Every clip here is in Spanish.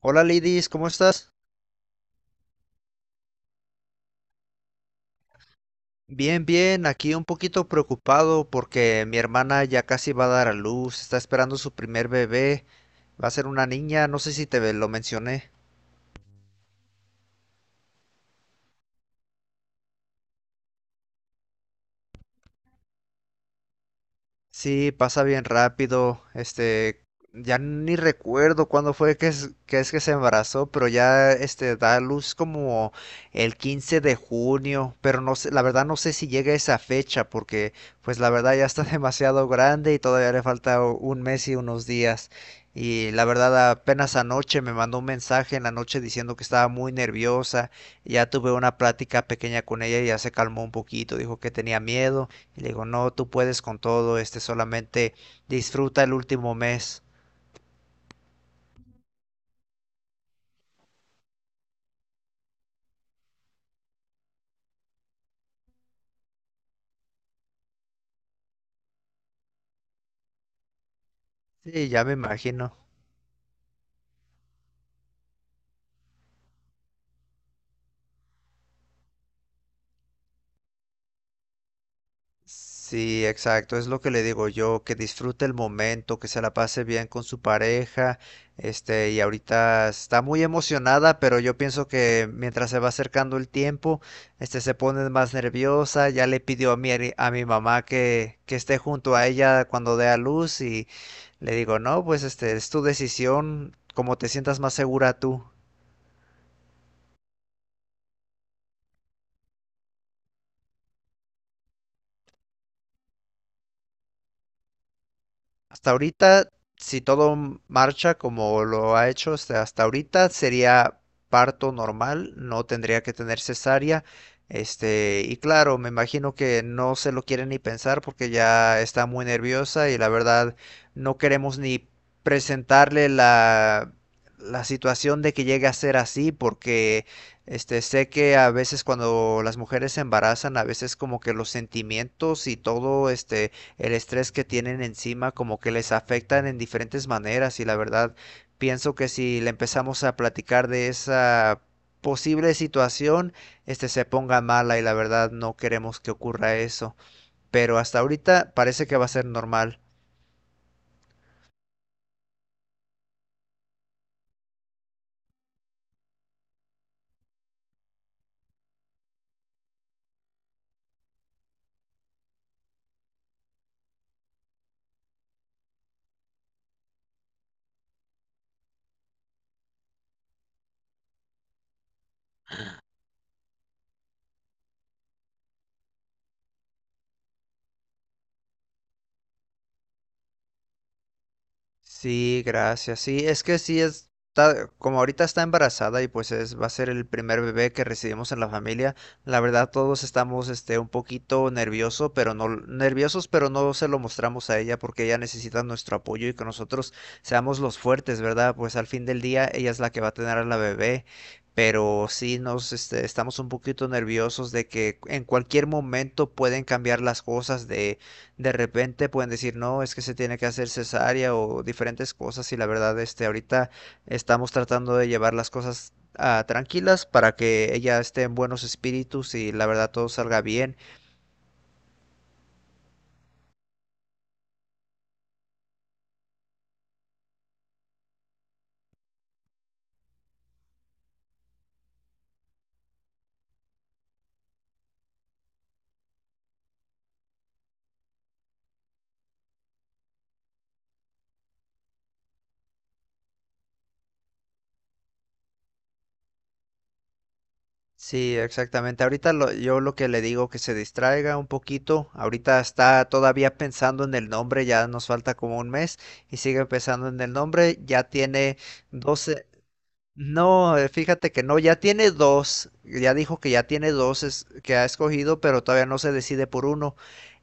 Hola Lidis, ¿cómo estás? Bien, bien, aquí un poquito preocupado porque mi hermana ya casi va a dar a luz, está esperando su primer bebé, va a ser una niña, no sé si te lo mencioné. Sí, pasa bien rápido. Ya ni recuerdo cuándo fue que se embarazó, pero ya da a luz como el 15 de junio, pero no sé, la verdad no sé si llega esa fecha porque pues la verdad ya está demasiado grande y todavía le falta un mes y unos días. Y la verdad apenas anoche me mandó un mensaje en la noche diciendo que estaba muy nerviosa. Ya tuve una plática pequeña con ella y ya se calmó un poquito, dijo que tenía miedo y le digo, no, tú puedes con todo, solamente disfruta el último mes. Sí, ya me imagino. Sí, exacto, es lo que le digo yo, que disfrute el momento, que se la pase bien con su pareja, y ahorita está muy emocionada, pero yo pienso que mientras se va acercando el tiempo, se pone más nerviosa, ya le pidió a mi mamá que esté junto a ella cuando dé a luz. Y le digo, no, pues es tu decisión, como te sientas más segura tú. Hasta ahorita, si todo marcha como lo ha hecho hasta ahorita, sería parto normal, no tendría que tener cesárea. Y claro, me imagino que no se lo quiere ni pensar porque ya está muy nerviosa y la verdad no queremos ni presentarle la situación de que llegue a ser así porque sé que a veces cuando las mujeres se embarazan, a veces como que los sentimientos y todo, el estrés que tienen encima como que les afectan en diferentes maneras, y la verdad pienso que si le empezamos a platicar de esa posible situación, se ponga mala, y la verdad no queremos que ocurra eso. Pero hasta ahorita parece que va a ser normal. Sí, gracias. Sí, es que sí está, como ahorita está embarazada, y pues es, va a ser el primer bebé que recibimos en la familia. La verdad, todos estamos un poquito nervioso, pero no nerviosos, pero no se lo mostramos a ella porque ella necesita nuestro apoyo y que nosotros seamos los fuertes, ¿verdad? Pues al fin del día ella es la que va a tener a la bebé. Pero sí nos estamos un poquito nerviosos de que en cualquier momento pueden cambiar las cosas. De repente pueden decir, no, es que se tiene que hacer cesárea o diferentes cosas, y la verdad, ahorita estamos tratando de llevar las cosas tranquilas para que ella esté en buenos espíritus y la verdad todo salga bien. Sí, exactamente. Ahorita yo lo que le digo que se distraiga un poquito. Ahorita está todavía pensando en el nombre, ya nos falta como un mes y sigue pensando en el nombre. Ya tiene 12. No, fíjate que no, ya tiene dos, ya dijo que ya tiene dos que ha escogido, pero todavía no se decide por uno.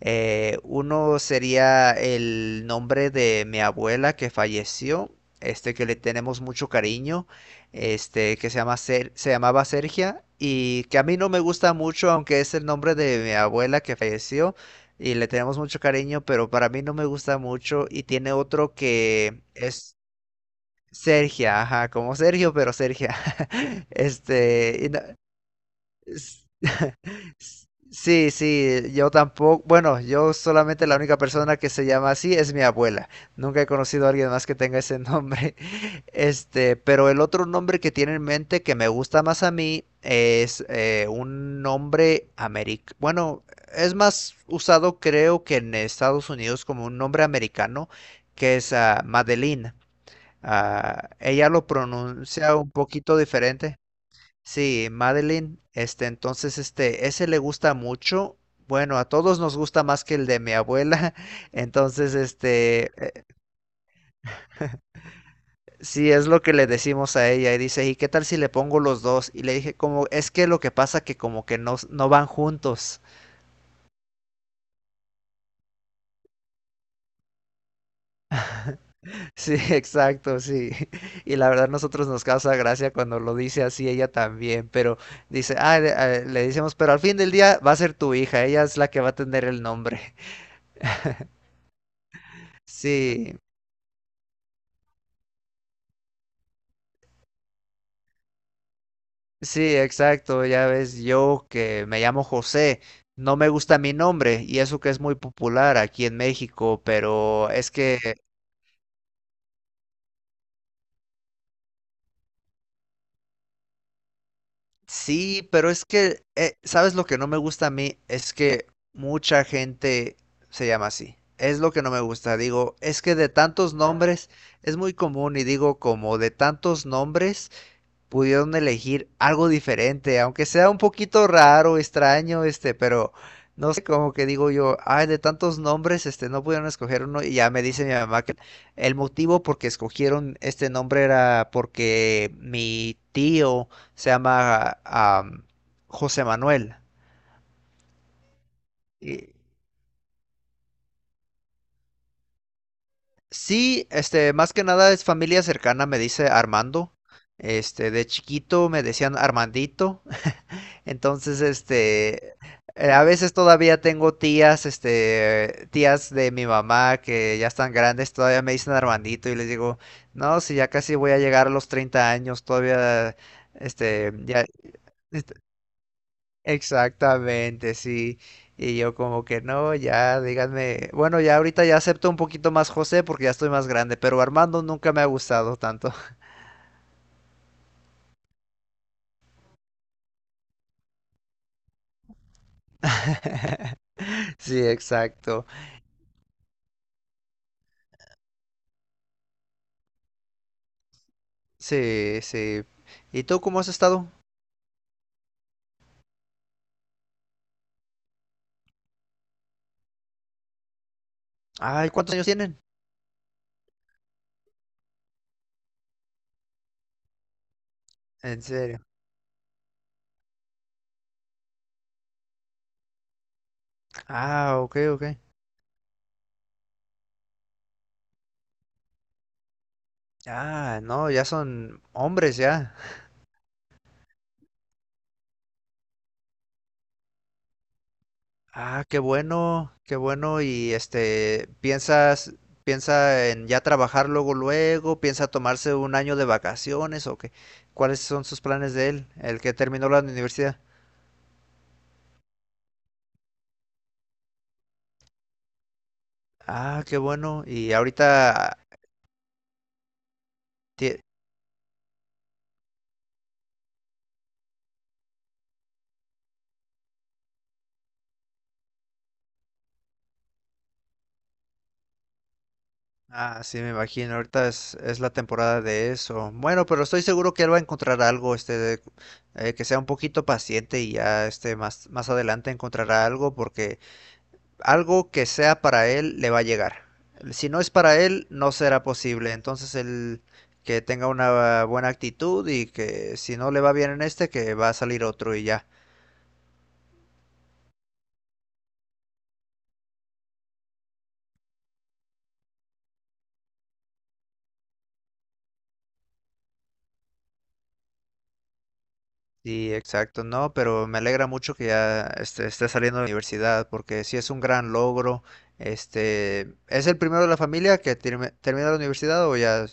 Uno sería el nombre de mi abuela que falleció, que le tenemos mucho cariño, que se llamaba Sergia, y que a mí no me gusta mucho, aunque es el nombre de mi abuela que falleció y le tenemos mucho cariño, pero para mí no me gusta mucho, y tiene otro que es Sergia, ajá, como Sergio, pero Sergia. Este, y no- s- sí, sí, yo tampoco, bueno, yo solamente, la única persona que se llama así es mi abuela. Nunca he conocido a alguien más que tenga ese nombre. Pero el otro nombre que tiene en mente que me gusta más a mí es un nombre americano. Bueno, es más usado creo que en Estados Unidos como un nombre americano que es Madeline. Ah, ella lo pronuncia un poquito diferente. Sí, Madeline, entonces, ese le gusta mucho. Bueno, a todos nos gusta más que el de mi abuela. Entonces, sí, es lo que le decimos a ella. Y dice, ¿y qué tal si le pongo los dos? Y le dije, como, es que lo que pasa que como que no, no van juntos. Sí, exacto, sí. Y la verdad nosotros nos causa gracia cuando lo dice así ella también, pero dice, le decimos, pero al fin del día va a ser tu hija, ella es la que va a tener el nombre. Sí, sí, exacto, ya ves, yo que me llamo José, no me gusta mi nombre, y eso que es muy popular aquí en México, pero es que. Sí, pero es que, ¿sabes lo que no me gusta a mí? Es que mucha gente se llama así. Es lo que no me gusta. Digo, es que de tantos nombres es muy común, y digo, como de tantos nombres pudieron elegir algo diferente, aunque sea un poquito raro, extraño, pero no sé, como que digo yo, ay, de tantos nombres, no pudieron escoger uno. Y ya me dice mi mamá que el motivo por que escogieron este nombre era porque mi tío se llama, José Manuel. Y sí, más que nada es familia cercana, me dice Armando. De chiquito me decían Armandito. Entonces, a veces todavía tengo tías, tías de mi mamá que ya están grandes, todavía me dicen Armandito, y les digo, no, si ya casi voy a llegar a los 30 años, todavía, este, ya, este, exactamente, sí. Y yo como que no, ya, díganme, bueno, ya ahorita ya acepto un poquito más José porque ya estoy más grande, pero Armando nunca me ha gustado tanto. Sí, exacto. Sí, sí. ¿Y tú cómo has estado? Ay, ¿cuántos años tienen? ¿En serio? Ah, ok, ok. Ah, no, ya son hombres ya. Ah, qué bueno, qué bueno. Y ¿Piensa en ya trabajar luego, luego? ¿Piensa tomarse un año de vacaciones o qué? ¿Cuáles son sus planes de él, el que terminó la universidad? Ah, qué bueno. Y ahorita, ti- ah, sí, me imagino. Ahorita es la temporada de eso. Bueno, pero estoy seguro que él va a encontrar algo, que sea un poquito paciente, y ya, más adelante encontrará algo porque algo que sea para él le va a llegar. Si no es para él, no será posible. Entonces, el que tenga una buena actitud, y que si no le va bien en este, que va a salir otro y ya. Sí, exacto, no, pero me alegra mucho que ya esté saliendo de la universidad, porque sí es un gran logro. ¿Es el primero de la familia que termina la universidad o ya?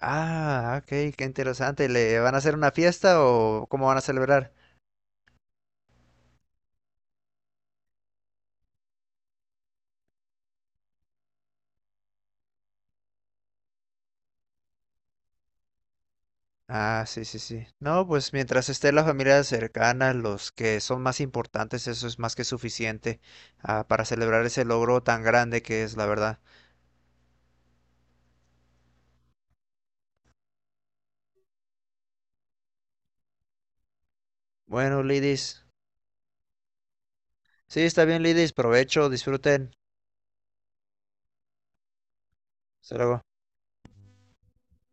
Ah, ok, qué interesante. ¿Le van a hacer una fiesta o cómo van a celebrar? Ah, sí, sí, sí. No, pues mientras esté la familia cercana, los que son más importantes, eso es más que suficiente, para celebrar ese logro tan grande que es, la verdad. Bueno, Lidis. Sí, está bien, Lidis. Provecho, disfruten. Hasta luego.